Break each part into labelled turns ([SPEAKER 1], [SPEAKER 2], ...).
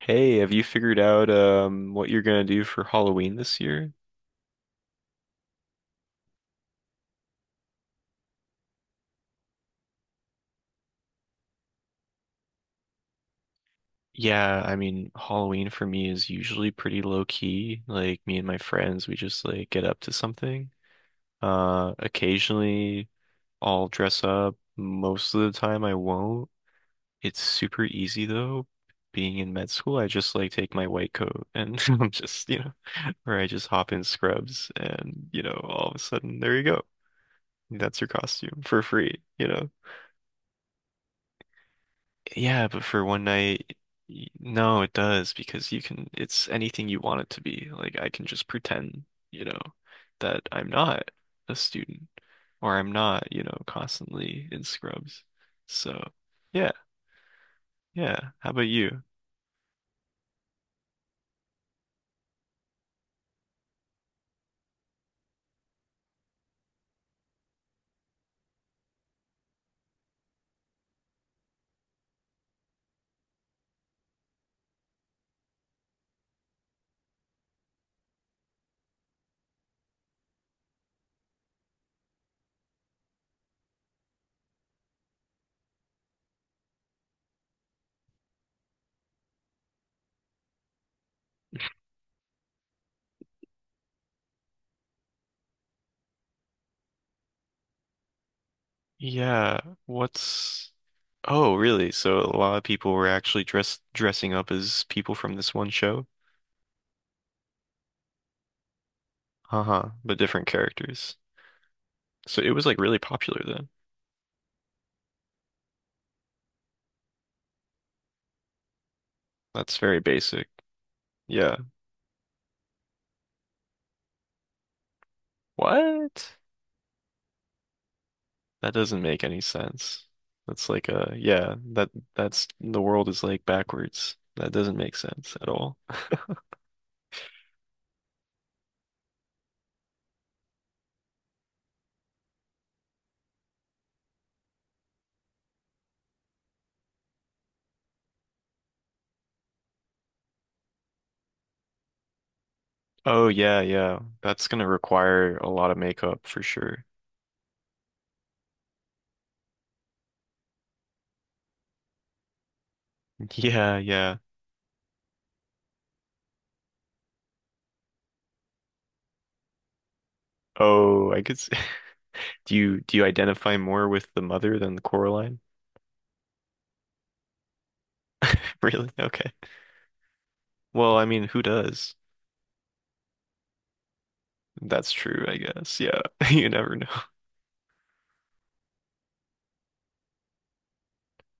[SPEAKER 1] Hey, have you figured out what you're gonna do for Halloween this year? Yeah, I mean, Halloween for me is usually pretty low key. Like me and my friends, we just like get up to something. Occasionally I'll dress up. Most of the time I won't. It's super easy though. Being in med school, I just like take my white coat and I'm just, or I just hop in scrubs and, all of a sudden there you go. That's your costume for free. Yeah, but for one night, no, it does because you can, it's anything you want it to be. Like I can just pretend, you know, that I'm not a student or I'm not, constantly in scrubs. So, yeah, yeah. How about you? Yeah, what's oh, really? So a lot of people were actually dressed dressing up as people from this one show? Uh-huh, but different characters. So it was like really popular then. That's very basic. Yeah. What? That doesn't make any sense. That's like a that's the world is like backwards. That doesn't make sense at all. Oh yeah, yeah. That's gonna require a lot of makeup for sure. Yeah, yeah. Oh, I could s Do you identify more with the mother than the Coraline? Really? Okay. Well, I mean, who does? That's true, I guess. Yeah. You never know.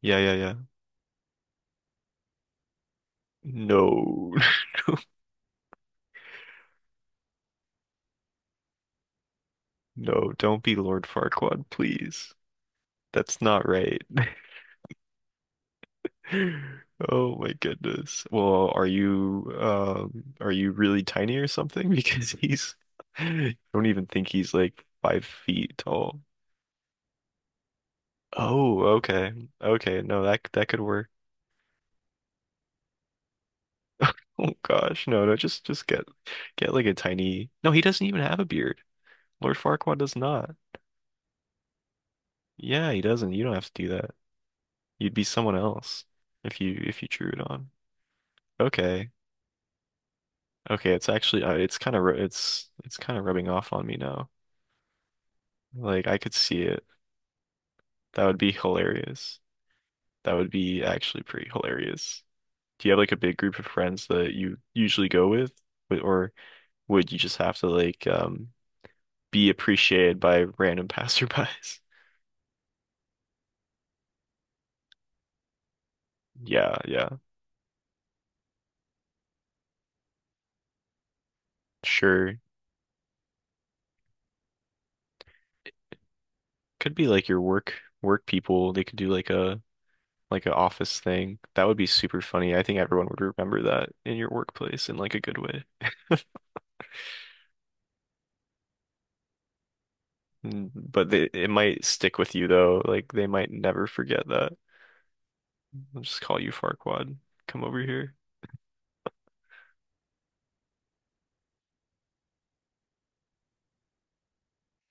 [SPEAKER 1] Yeah, yeah, yeah. No. No, don't be Lord Farquaad, please. That's not right. Oh my goodness. Well, are you really tiny or something? Because he's I don't even think he's like five feet tall. Oh, okay. Okay, no, that could work. Oh gosh, no, no, just get like a tiny No, he doesn't even have a beard. Lord Farquaad does not. Yeah, he doesn't. You don't have to do that. You'd be someone else if you drew it on. Okay. Okay, it's actually it's kind of it's kind of rubbing off on me now. Like I could see it. That would be hilarious. That would be actually pretty hilarious. Do you have like a big group of friends that you usually go with, or would you just have to like be appreciated by random passerbys? Yeah, yeah. Sure. Could be like your work people. They could do like a like an office thing. That would be super funny. I think everyone would remember that in your workplace in like a good way. Mm, but they, it might stick with you though. Like they might never forget that. I'll just call you Farquad. Come over here.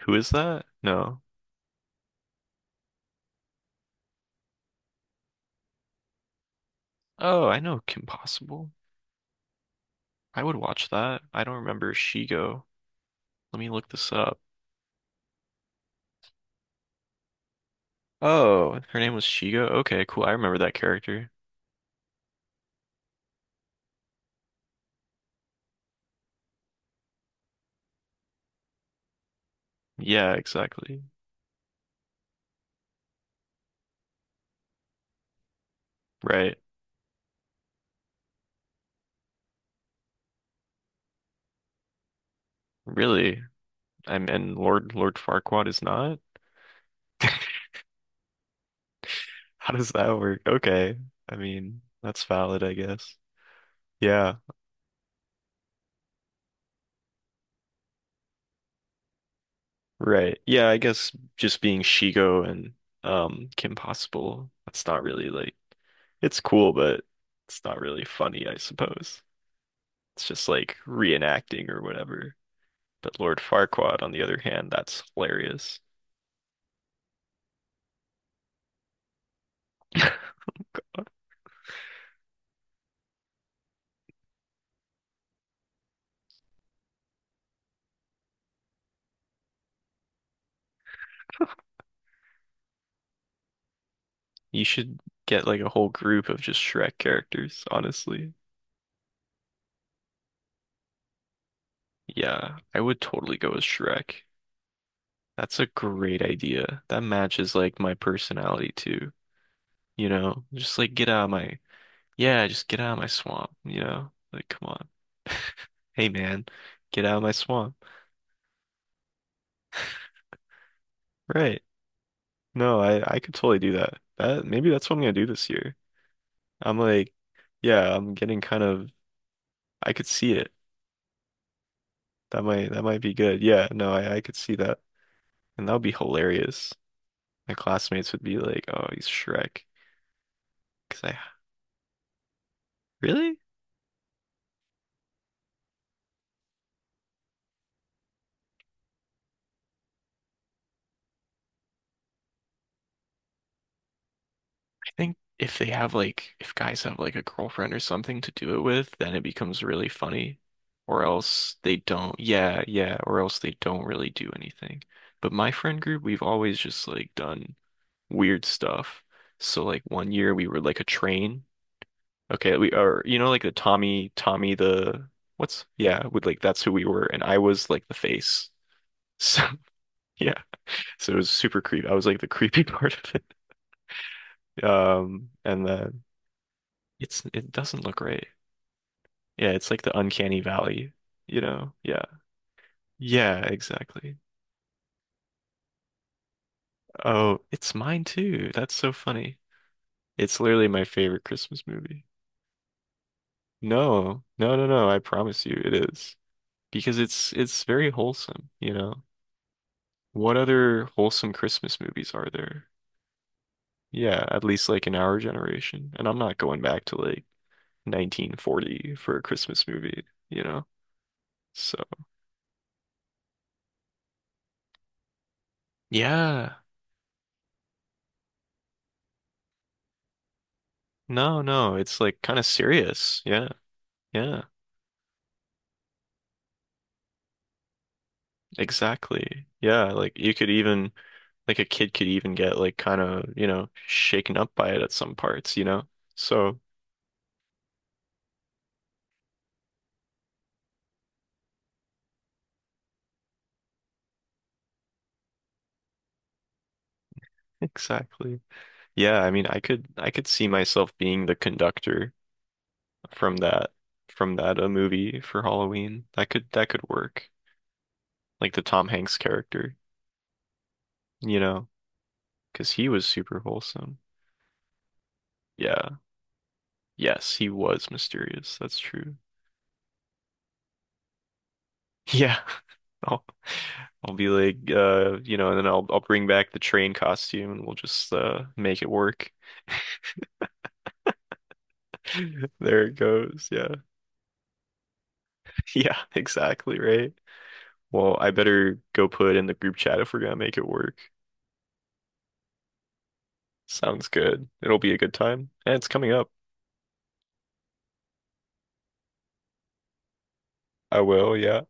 [SPEAKER 1] Who is that? No. Oh, I know Kim Possible. I would watch that. I don't remember Shigo. Let me look this up. Oh, her name was Shigo. Okay, cool. I remember that character. Yeah, exactly. Right. Really? I'm and Lord Farquaad is not? How does that work? Okay. I mean, that's valid, I guess. Yeah. Right. Yeah, I guess just being Shigo and Kim Possible, that's not really like it's cool, but it's not really funny, I suppose. It's just like reenacting or whatever. But Lord Farquaad, on the other hand, that's hilarious. You should get like a whole group of just Shrek characters, honestly. Yeah, I would totally go with Shrek. That's a great idea. That matches like my personality too. You know, just like get out of my, yeah, just get out of my swamp, you know? Like, come on. Hey man, get out of my swamp. Right. No, I could totally do that. That maybe that's what I'm gonna do this year. I'm like, yeah, I'm getting kind of I could see it. That might be good. Yeah, no, I could see that. And that would be hilarious. My classmates would be like, "Oh, he's Shrek." 'Cause I really I think if they have like if guys have like a girlfriend or something to do it with, then it becomes really funny. Or else they don't. Yeah, yeah, or else they don't really do anything. But my friend group, we've always just like done weird stuff. So like one year we were like a train. Okay, we are you know like the Tommy the what's yeah, with like that's who we were and I was like the face. So yeah. So it was super creepy. I was like the creepy part of it. And then it's it doesn't look right. Yeah, it's like the uncanny valley, you know. Yeah. Yeah, exactly. Oh, it's mine too. That's so funny. It's literally my favorite Christmas movie. No, no, no, no. I promise you it is. Because it's very wholesome, you know. What other wholesome Christmas movies are there? Yeah, at least like in our generation. And I'm not going back to like 1940 for a Christmas movie, you know. So, yeah. No, no, it's like kind of serious. Yeah. Yeah. Exactly. Yeah, like you could even like a kid could even get like kind of, you know, shaken up by it at some parts, you know. So, exactly. Yeah, I mean, I could see myself being the conductor from that from that a movie for Halloween. That could work. Like the Tom Hanks character, you know, because he was super wholesome. Yeah. Yes, he was mysterious. That's true. Yeah. I'll I'll be like you know, and then I'll bring back the train costume and we'll just make it work. There it goes. Yeah. Yeah, exactly right. Well, I better go put in the group chat if we're gonna make it work. Sounds good. It'll be a good time. And it's coming up. I will, yeah.